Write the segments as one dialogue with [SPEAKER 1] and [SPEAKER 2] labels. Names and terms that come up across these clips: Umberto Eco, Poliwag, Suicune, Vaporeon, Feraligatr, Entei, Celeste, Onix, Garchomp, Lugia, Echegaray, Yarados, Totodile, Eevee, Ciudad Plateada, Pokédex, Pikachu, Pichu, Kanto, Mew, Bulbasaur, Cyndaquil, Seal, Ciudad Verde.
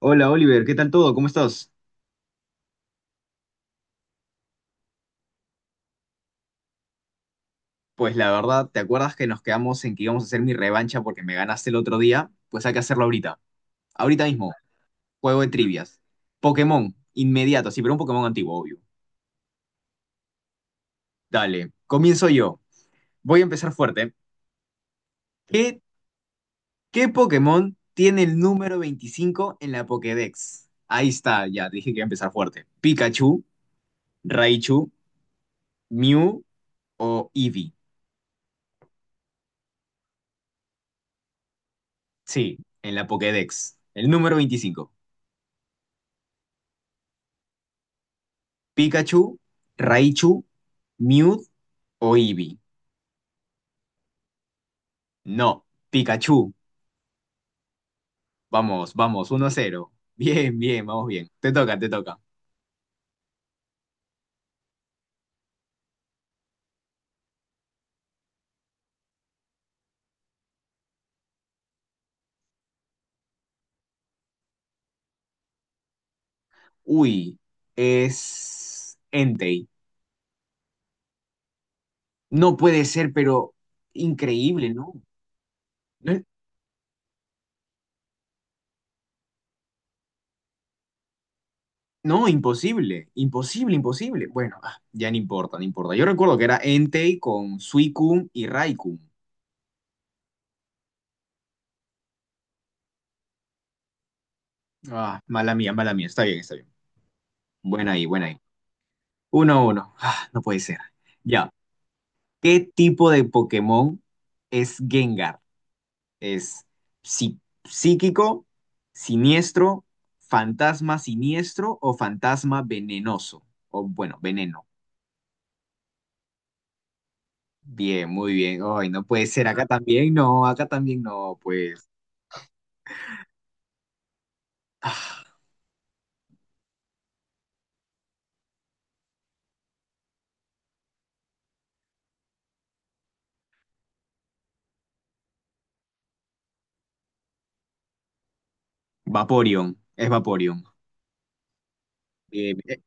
[SPEAKER 1] Hola Oliver, ¿qué tal todo? ¿Cómo estás? Pues la verdad, ¿te acuerdas que nos quedamos en que íbamos a hacer mi revancha porque me ganaste el otro día? Pues hay que hacerlo ahorita. Ahorita mismo, juego de trivias. Pokémon, inmediato, sí, pero un Pokémon antiguo, obvio. Dale, comienzo yo. Voy a empezar fuerte. ¿Qué, qué Pokémon tiene el número 25 en la Pokédex? Ahí está, ya, dije que iba a empezar fuerte. ¿Pikachu, Raichu, Mew o Eevee? Sí, en la Pokédex. El número 25. Pikachu, Raichu, Mew o Eevee. No, Pikachu. Vamos, vamos, 1 cero. Bien, bien, vamos bien. Te toca, te toca. Uy, es Entei. No puede ser, pero increíble, ¿no? No, no, imposible, imposible, imposible. Bueno, ah, ya no importa, no importa. Yo recuerdo que era Entei con Suicune y Raikun. Ah, mala mía, mala mía. Está bien, está bien. Buena ahí, buena ahí. 1 uno. Ah, no puede ser. Ya. ¿Qué tipo de Pokémon es Gengar? ¿Es psí- psíquico, siniestro, fantasma siniestro o fantasma venenoso? O bueno, veneno. Bien, muy bien. Ay, no puede ser. Acá también no, pues. Ah, Vaporeon, es Vaporeon. Bien, bien.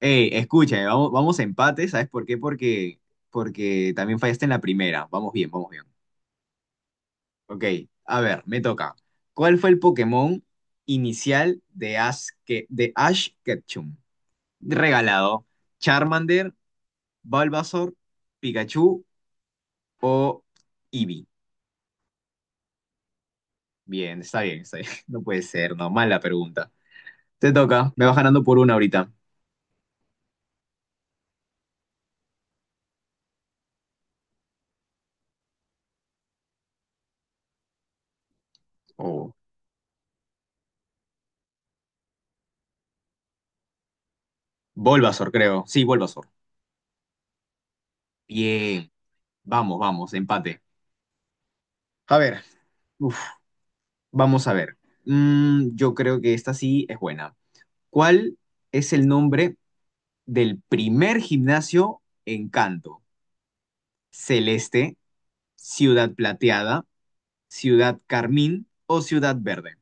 [SPEAKER 1] Escucha, vamos, vamos a empate, ¿sabes por qué? Porque también fallaste en la primera. Vamos bien, vamos bien. Ok, a ver, me toca. ¿Cuál fue el Pokémon inicial de Ash Ketchum? Regalado. ¿Charmander, Bulbasaur, Pikachu o Eevee? Bien, está bien, está bien. No puede ser, no, mala pregunta. Te toca, me vas ganando por una ahorita. Oh, Bulbasaur, creo. Sí, Bulbasaur. Bien, vamos, vamos, empate. A ver, uf, vamos a ver. Yo creo que esta sí es buena. ¿Cuál es el nombre del primer gimnasio en Kanto? Celeste, Ciudad Plateada, Ciudad Carmín o Ciudad Verde.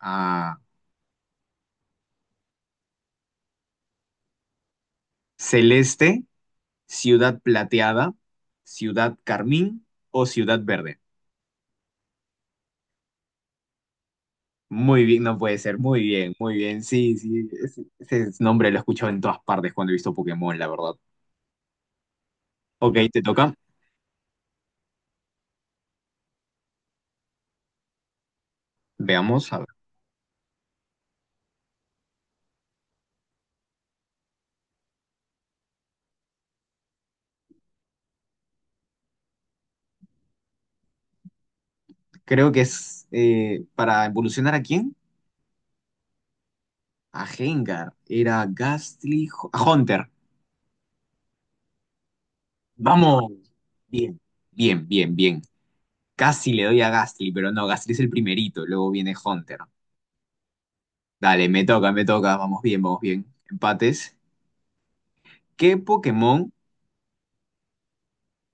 [SPEAKER 1] Ah, Celeste, Ciudad Plateada, Ciudad Carmín o Ciudad Verde. Muy bien, no puede ser. Muy bien, muy bien. Sí, sí. Ese nombre lo he escuchado en todas partes cuando he visto Pokémon, la verdad. Ok, te toca. Veamos, a ver. Creo que es para evolucionar ¿a quién? A Gengar. Era Gastly, a Hunter. Vamos. Bien, bien, bien, bien. Casi le doy a Gastly, pero no, Gastly es el primerito, luego viene Hunter. Dale, me toca, vamos bien, vamos bien. Empates. ¿Qué Pokémon?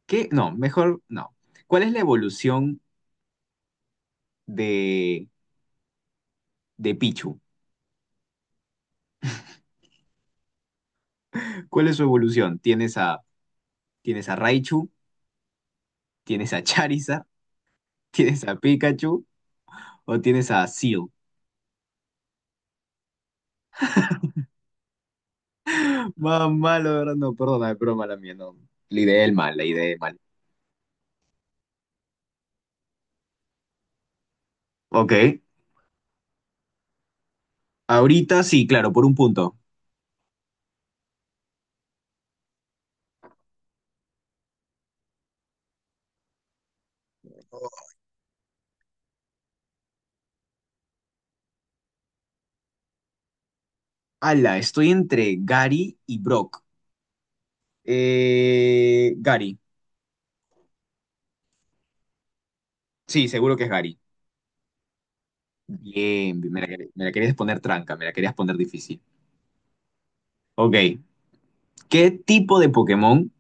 [SPEAKER 1] ¿Qué? No, mejor no. ¿Cuál es la evolución de, de Pichu? ¿Cuál es su evolución? ¿Tienes a Raichu? ¿Tienes a Charizard? ¿Tienes a Pikachu? ¿O tienes a Seal? Más malo, de verdad, no, perdona, es broma la mía, no. La ideé mal, la ideé mal. Ok, ahorita sí, claro, por un punto. Ala, estoy entre Gary y Brock. Gary. Sí, seguro que es Gary. Bien, me la querías poner tranca, me la querías poner difícil. Ok, ¿qué tipo de Pokémon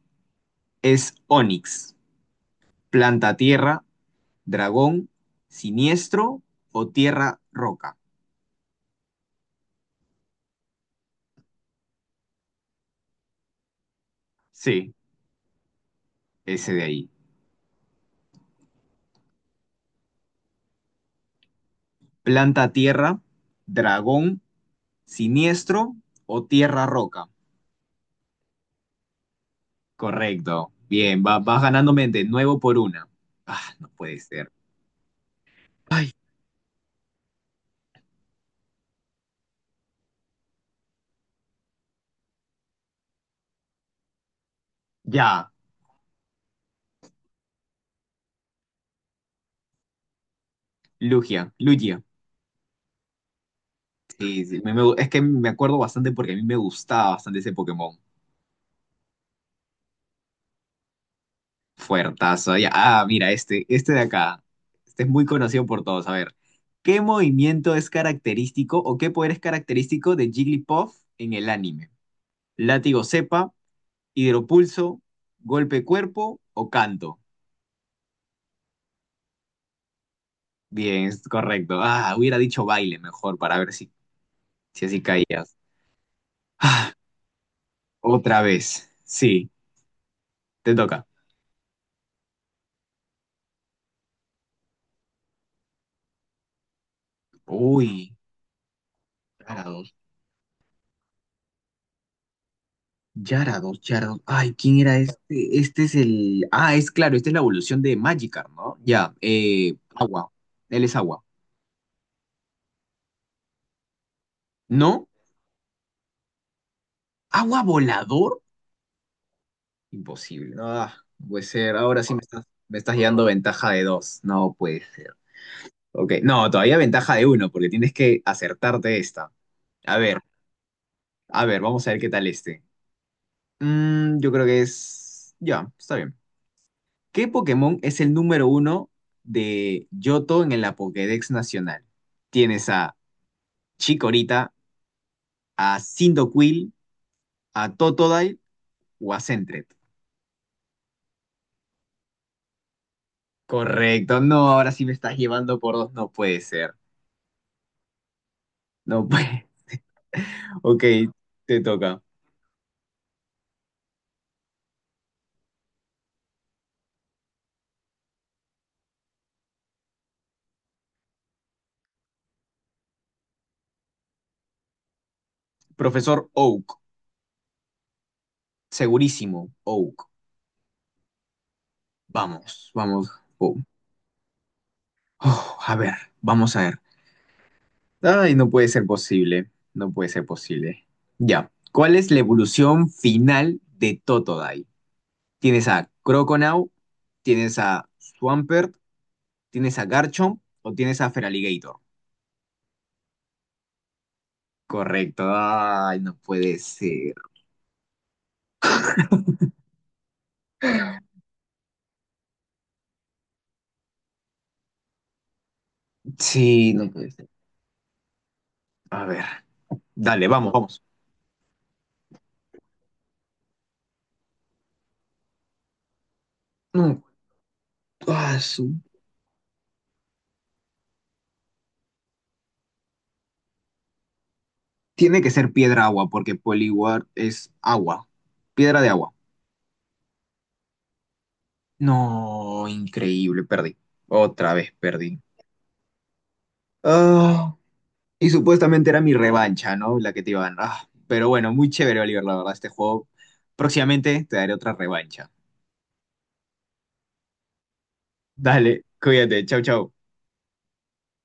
[SPEAKER 1] es Onix? ¿Planta tierra, dragón, siniestro o tierra roca? Sí, ese de ahí. ¿Planta tierra, dragón, siniestro o tierra roca? Correcto. Bien, vas ganándome de nuevo por una. Ah, no puede ser. Ay, ya, Lugia, Lugia. Sí, sí, es que me acuerdo bastante porque a mí me gustaba bastante ese Pokémon. Fuertazo. Ya, ah, mira, este de acá. Este es muy conocido por todos. A ver, ¿qué movimiento es característico o qué poder es característico de Jigglypuff en el anime? Látigo cepa, hidropulso, golpe cuerpo o canto. Bien, es correcto. Ah, hubiera dicho baile mejor para ver si así caías. Ah, otra vez. Sí, te toca. Uy. Yarados, Yarados, Yarados. Ay, ¿quién era este? Este es el. Ah, es claro, esta es la evolución de Magikarp, ¿no? Ya, agua. Él es agua. ¿No? ¿Agua volador? Imposible. No, ah, no puede ser. Ahora sí me estás llevando ventaja de dos. No puede ser. Ok, no, todavía ventaja de uno, porque tienes que acertarte esta. A ver, a ver, vamos a ver qué tal este. Yo creo que es. Ya, está bien. ¿Qué Pokémon es el número uno de Johto en la Pokédex Nacional? Tienes a Chikorita, a Cyndaquil, a Totodile o a Sentret. Correcto, no, ahora sí me estás llevando por dos, no puede ser. No puede. Ok, te toca. Profesor Oak, segurísimo, Oak. Vamos, vamos, Oak. Oh, a ver, vamos a ver. Ay, no puede ser posible, no puede ser posible. Ya. ¿Cuál es la evolución final de Totodile? Tienes a Croconaw, tienes a Swampert, tienes a Garchomp o tienes a Feraligatr. Correcto. Ay, no puede ser. Sí, no puede ser. A ver. Dale, vamos, vamos. No, ah, tiene que ser piedra agua porque Poliwag es agua. Piedra de agua. No, increíble, perdí. Otra vez perdí. Ah, y supuestamente era mi revancha, ¿no? La que te iban. Ah, pero bueno, muy chévere, Oliver, la verdad, este juego. Próximamente te daré otra revancha. Dale, cuídate, chau, chau.